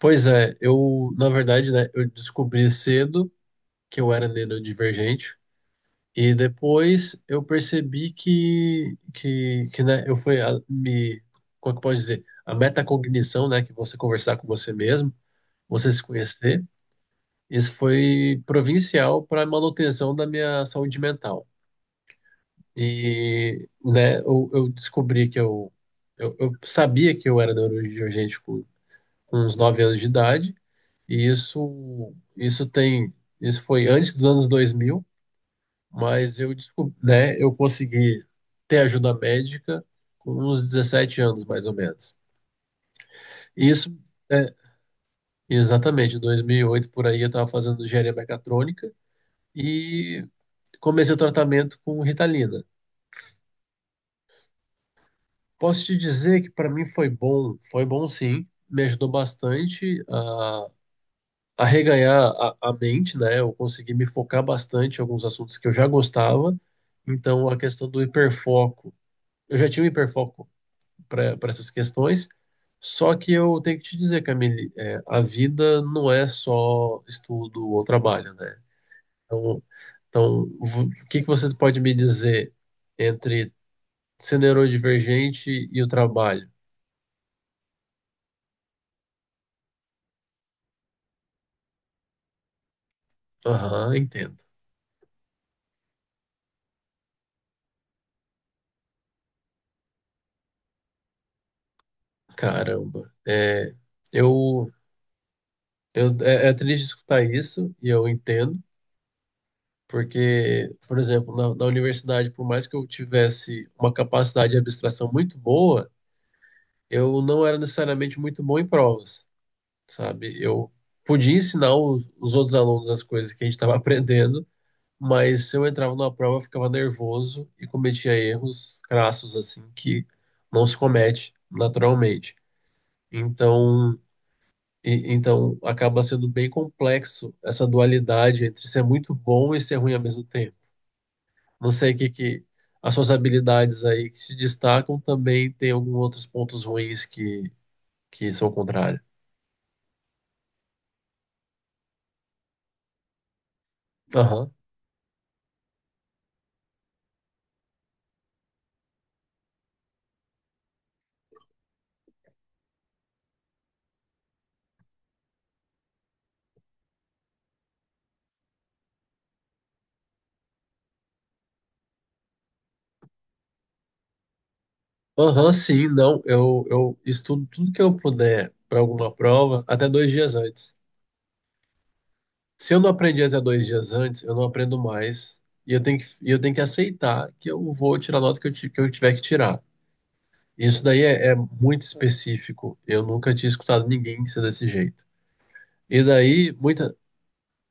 Pois é, eu, na verdade, né, eu descobri cedo que eu era neurodivergente e depois eu percebi que né, eu fui a- me, como é que pode dizer, a metacognição, né, que você conversar com você mesmo, você se conhecer, isso foi provincial para a manutenção da minha saúde mental. E, né, eu descobri que eu sabia que eu era neurodivergente com uns 9 anos de idade, e isso foi antes dos anos 2000, mas eu descobri, né, eu consegui ter ajuda médica com uns 17 anos, mais ou menos. E isso, é, exatamente, em 2008 por aí, eu estava fazendo engenharia mecatrônica e comecei o tratamento com Ritalina. Posso te dizer que para mim foi bom sim, me ajudou bastante a reganhar a mente, né? Eu consegui me focar bastante em alguns assuntos que eu já gostava. Então, a questão do hiperfoco. Eu já tinha um hiperfoco para essas questões, só que eu tenho que te dizer, Camille, a vida não é só estudo ou trabalho, né? Então, então, o que que você pode me dizer entre ser neurodivergente e o trabalho? Aham, entendo. Caramba. É, eu Eu, é triste escutar isso, e eu entendo, porque, por exemplo, na universidade, por mais que eu tivesse uma capacidade de abstração muito boa, eu não era necessariamente muito bom em provas, sabe? Eu podia ensinar os outros alunos as coisas que a gente estava aprendendo, mas se eu entrava numa prova, eu ficava nervoso e cometia erros crassos, assim, que não se comete naturalmente. Então. E então acaba sendo bem complexo essa dualidade entre ser muito bom e ser ruim ao mesmo tempo. Não sei o que as suas habilidades aí que se destacam também tem alguns outros pontos ruins que são o contrário. Aham. Aham, sim, não. Eu estudo tudo que eu puder para alguma prova até 2 dias antes. Se eu não aprendi até 2 dias antes, eu não aprendo mais. E eu tenho que aceitar que eu vou tirar a nota que que eu tiver que tirar. Isso daí é muito específico. Eu nunca tinha escutado ninguém ser desse jeito. E daí, muita.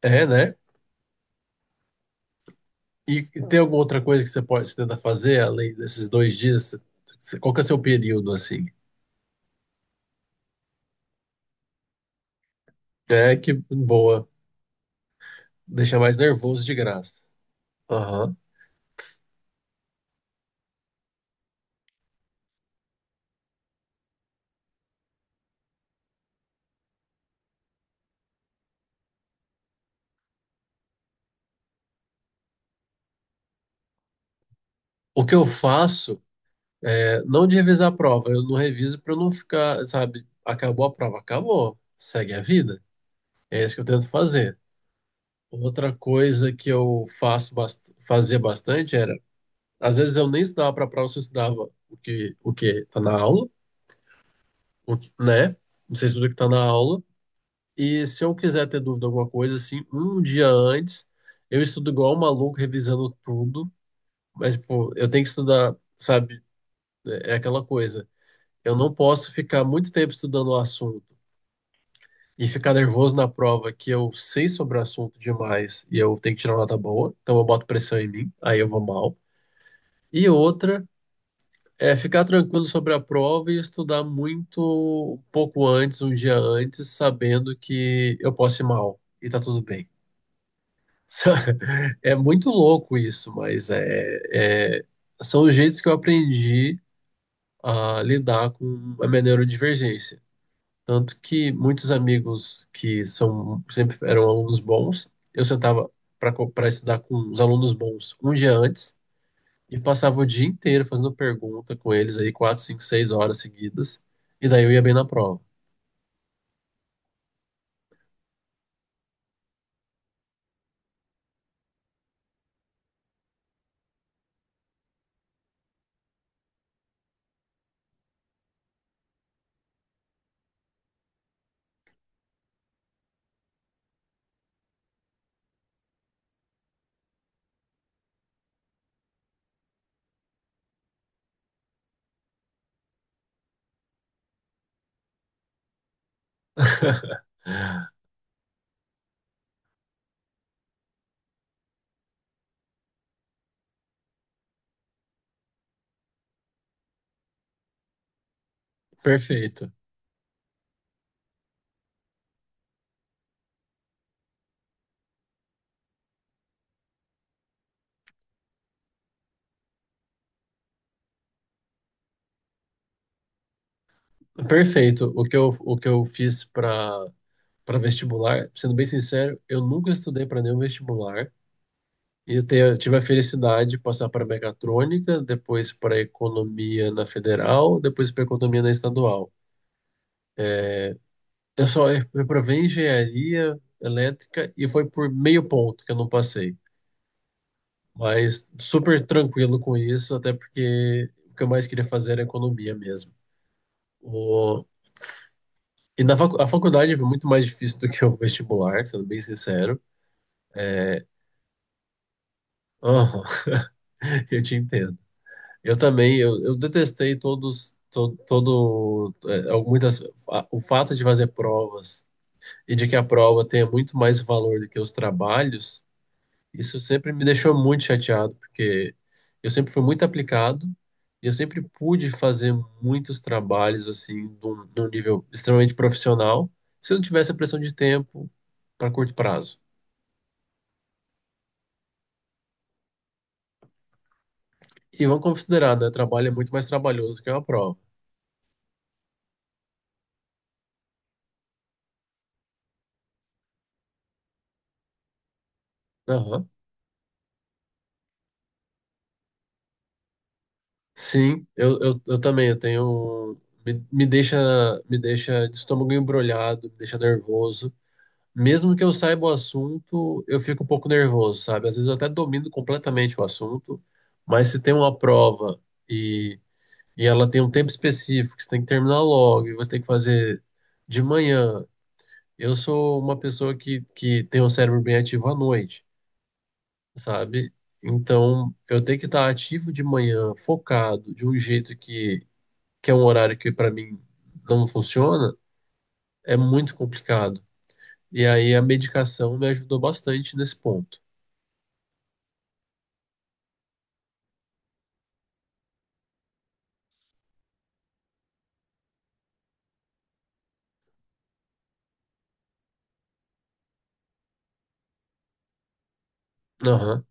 É, né? E tem alguma outra coisa que você pode você tentar fazer além desses 2 dias? Qual que é o seu período, assim? É que boa. Deixa mais nervoso de graça. Aham. O que eu faço é não de revisar a prova. Eu não reviso para não ficar, sabe? Acabou a prova, acabou. Segue a vida. É isso que eu tento fazer. Outra coisa que eu faço fazia bastante era, às vezes eu nem estudava para a prova, eu estudava o que tá na aula, o que, né? Você estuda o que tá na aula. E se eu quiser ter dúvida de alguma coisa assim, um dia antes, eu estudo igual um maluco revisando tudo, mas tipo, eu tenho que estudar, sabe? É aquela coisa. Eu não posso ficar muito tempo estudando o assunto e ficar nervoso na prova que eu sei sobre o assunto demais e eu tenho que tirar uma nota boa, então eu boto pressão em mim, aí eu vou mal. E outra é ficar tranquilo sobre a prova e estudar muito um pouco antes, um dia antes, sabendo que eu posso ir mal e tá tudo bem. Sabe? É muito louco isso, mas são os jeitos que eu aprendi a lidar com a minha neurodivergência. Tanto que muitos amigos que são sempre eram alunos bons, eu sentava para estudar com os alunos bons um dia antes. E passava o dia inteiro fazendo pergunta com eles aí, 4, 5, 6 horas seguidas. E daí eu ia bem na prova. Perfeito. Perfeito. O que eu fiz para vestibular, sendo bem sincero, eu nunca estudei para nenhum vestibular. E eu tive a felicidade de passar para mecatrônica, depois para economia na federal, depois para economia na estadual. Eu só reprovei em engenharia elétrica e foi por meio ponto que eu não passei. Mas super tranquilo com isso, até porque o que eu mais queria fazer era economia mesmo. O... E a faculdade foi muito mais difícil do que o vestibular, sendo bem sincero. Aham, eu te entendo. Eu também, eu detestei todos, todo, muitas, o fato de fazer provas e de que a prova tenha muito mais valor do que os trabalhos. Isso sempre me deixou muito chateado, porque eu sempre fui muito aplicado e eu sempre pude fazer muitos trabalhos assim, de um nível extremamente profissional, se eu não tivesse a pressão de tempo para curto prazo. E vamos considerar, né? Trabalho é muito mais trabalhoso do que uma prova. Aham. Sim, eu também, eu tenho. Me, me deixa, me deixa de estômago embrulhado, me deixa nervoso. Mesmo que eu saiba o assunto, eu fico um pouco nervoso, sabe? Às vezes eu até domino completamente o assunto, mas se tem uma prova e, e ela tem um tempo específico, que você tem que terminar logo, e você tem que fazer de manhã. Eu sou uma pessoa que tem o cérebro bem ativo à noite, sabe? Então, eu tenho que estar ativo de manhã, focado, de um jeito que é um horário que para mim não funciona, é muito complicado. E aí a medicação me ajudou bastante nesse ponto. Aham,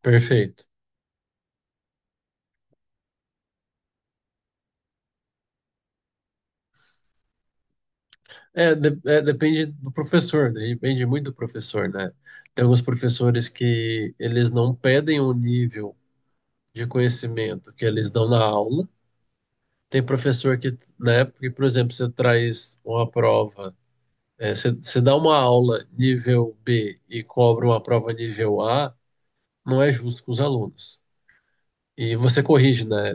perfeito. É, depende do professor, né? Depende muito do professor, né? Tem alguns professores que eles não pedem um nível de conhecimento que eles dão na aula. Tem professor que, né, porque, por exemplo, você traz uma prova, você dá uma aula nível B e cobra uma prova nível A, não é justo com os alunos. E você corrige, né?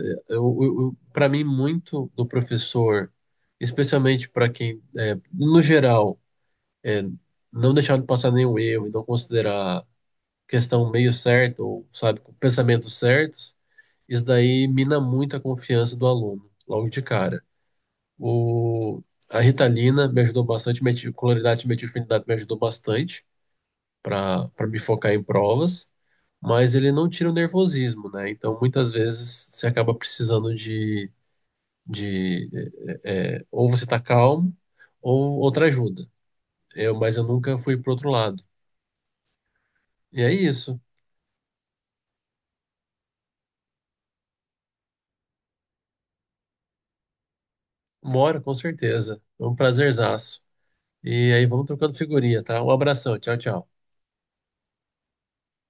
Para mim, muito do professor, especialmente para quem, no geral, é, não deixar de passar nenhum erro e não considerar questão meio certa ou, sabe, com pensamentos certos, isso daí mina muito a confiança do aluno, logo de cara. O, a Ritalina me ajudou bastante, cloridato de metilfenidato me ajudou bastante para me focar em provas, mas ele não tira o nervosismo, né? Então, muitas vezes, você acaba precisando de ou você tá calmo, ou outra ajuda. Mas eu nunca fui pro outro lado. E é isso. Mora, com certeza. Foi um prazerzaço. E aí, vamos trocando figurinha, tá? Um abração. Tchau, tchau.